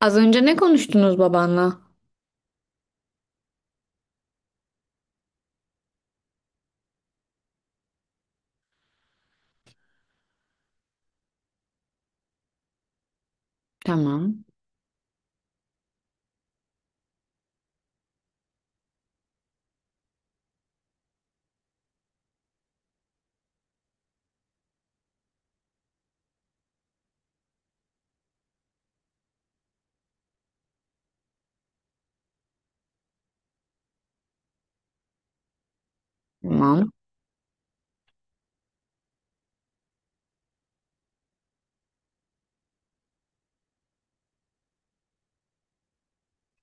Az önce ne konuştunuz babanla? Tamam. Tamam.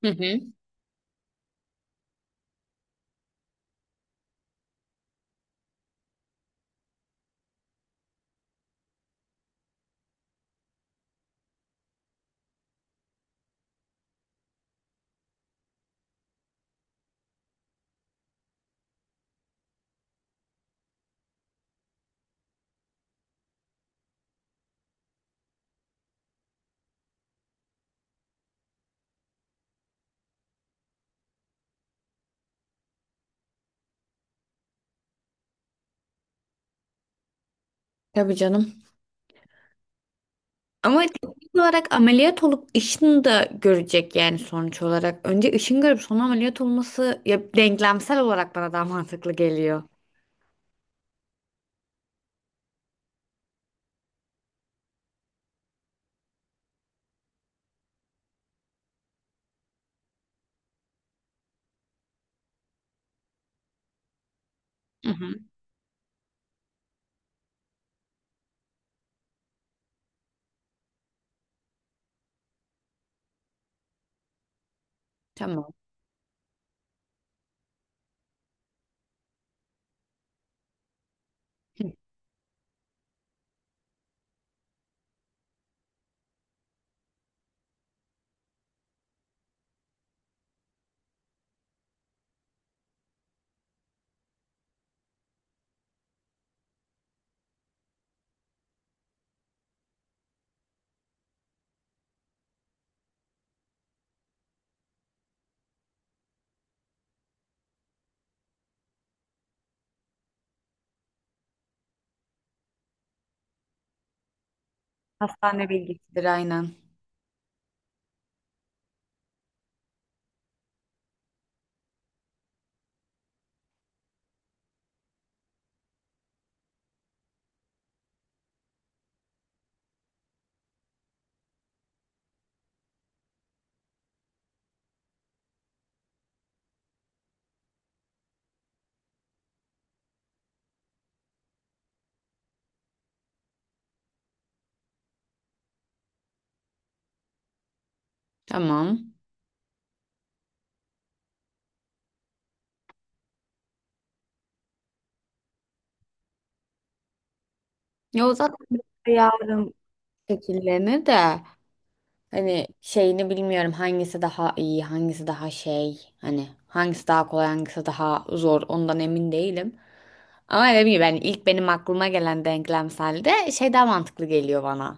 Hı hı. Tabii canım. Ama teknik olarak ameliyat olup Işın'ı da görecek yani sonuç olarak. Önce Işın görüp sonra ameliyat olması ya denklemsel olarak bana daha mantıklı geliyor. Hı hı. Tamam. Hı. Hastane bilgisidir aynen. Tamam. Ya o zaten yarın şekillenir de hani şeyini bilmiyorum, hangisi daha iyi, hangisi daha şey, hani hangisi daha kolay, hangisi daha zor, ondan emin değilim. Ama dediğim gibi yani ilk benim aklıma gelen denklemselde şey daha mantıklı geliyor bana.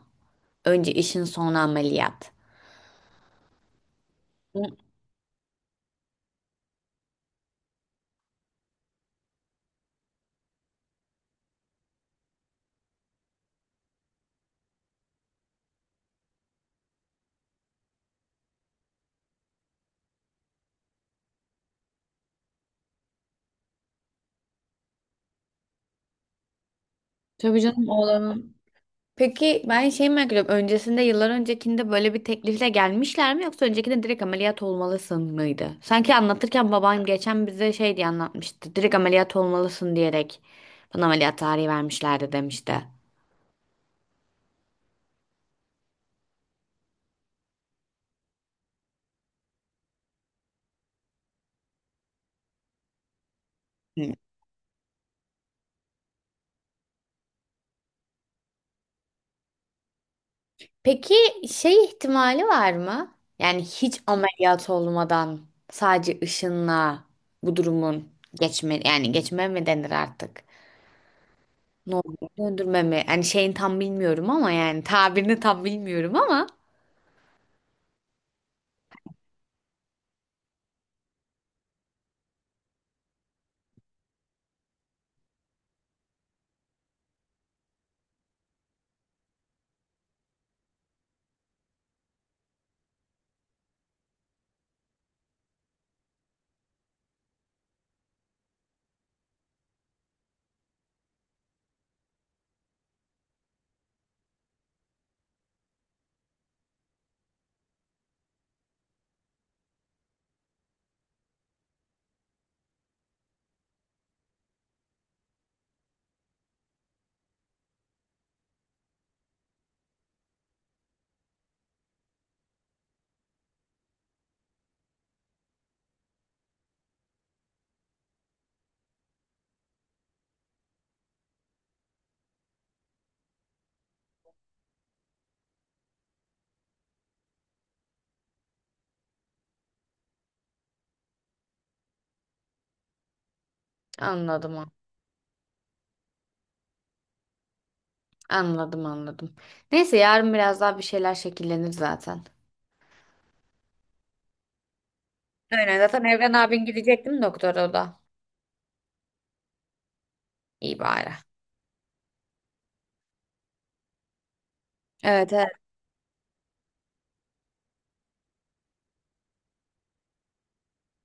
Önce işin, sonra ameliyat. Hı. Tabii canım oğlanın. Peki ben şey merak ediyorum. Öncesinde, yıllar öncekinde, böyle bir teklifle gelmişler mi, yoksa öncekinde direkt ameliyat olmalısın mıydı? Sanki anlatırken babam geçen bize şey diye anlatmıştı. Direkt ameliyat olmalısın diyerek bana ameliyat tarihi vermişlerdi demişti. Hı. Peki şey ihtimali var mı? Yani hiç ameliyat olmadan sadece ışınla bu durumun geçme, yani geçme mi denir artık? Ne oluyor? Döndürme mi? Yani şeyin tam bilmiyorum ama yani tabirini tam bilmiyorum ama anladım, anladım, anladım. Neyse yarın biraz daha bir şeyler şekillenir zaten. Aynen, zaten Evren abin gidecektim doktora o da. İyi bari. Evet, evet.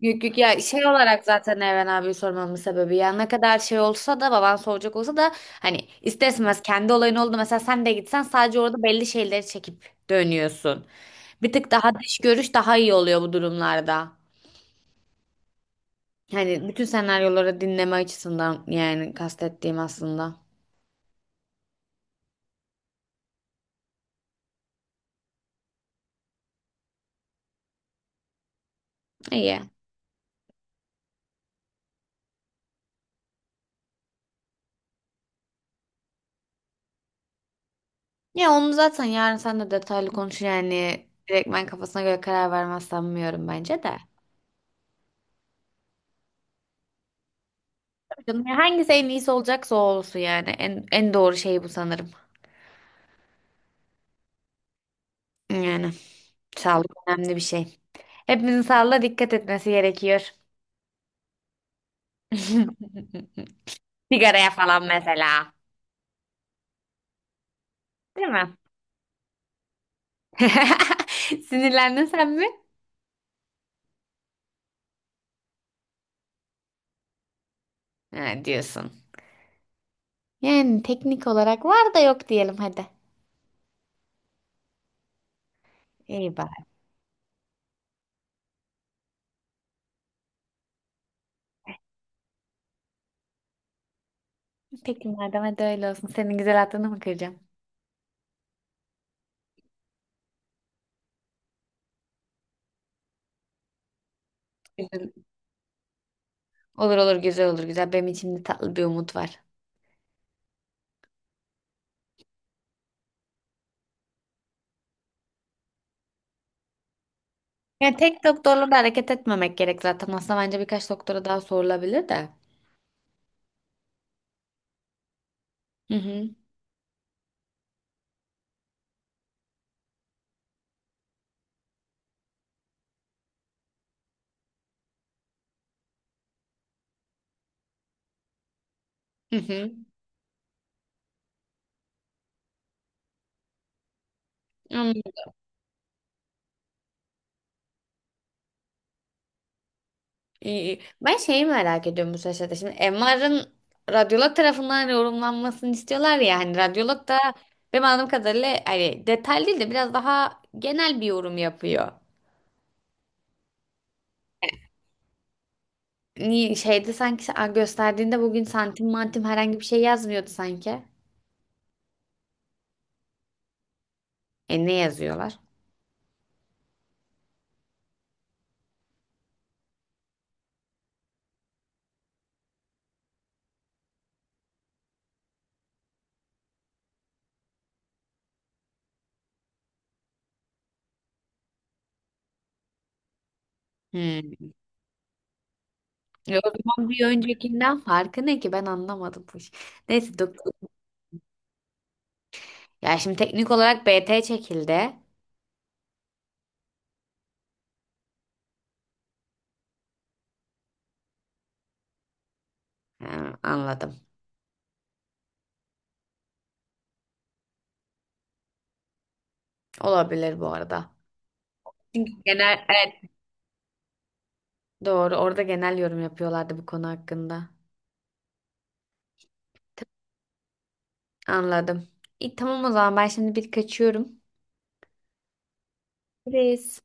Yok, yok ya, şey olarak zaten Evren abi sormamın sebebi, ya ne kadar şey olsa da, baban soracak olsa da, hani ister istemez kendi olayın oldu, mesela sen de gitsen sadece orada belli şeyleri çekip dönüyorsun. Bir tık daha dış görüş daha iyi oluyor bu durumlarda. Hani bütün senaryoları dinleme açısından, yani kastettiğim aslında. İyi. Ya onu zaten yarın sen de detaylı konuşun, yani direkt ben kafasına göre karar vermez sanmıyorum bence de. Canım, ya hangisi en iyisi olacaksa o olsun yani, en, en doğru şey bu sanırım. Yani sağlık önemli bir şey. Hepimizin sağlığına dikkat etmesi gerekiyor. Sigaraya falan mesela. Değil mi? Sinirlendin sen mi? Ha, diyorsun. Yani teknik olarak var da yok diyelim hadi. İyi bari. Peki madem, hadi öyle olsun. Senin güzel aklını mı kıracağım? Güzel. Olur olur, güzel olur, güzel. Benim içimde tatlı bir umut var. Yani tek doktorla da hareket etmemek gerek zaten. Aslında bence birkaç doktora daha sorulabilir de. Hı hı. Hı hı. Anladım. Ben şeyi merak ediyorum bu sırada. Şimdi MR'ın radyolog tarafından yorumlanmasını istiyorlar ya. Hani radyolog da benim anladığım kadarıyla hani detaylı değil de biraz daha genel bir yorum yapıyor. Niye şeyde sanki sen- gösterdiğinde bugün santim mantim herhangi bir şey yazmıyordu sanki. E ne yazıyorlar? Hmm. E o zaman bir öncekinden farkı ne ki, ben anlamadım bu iş. Neyse, doktor. Ya şimdi teknik olarak BT çekildi. Ha, anladım. Olabilir bu arada. Çünkü genel, evet. Doğru. Orada genel yorum yapıyorlardı bu konu hakkında. Anladım. İyi, tamam, o zaman ben şimdi bir kaçıyorum. Görüşürüz.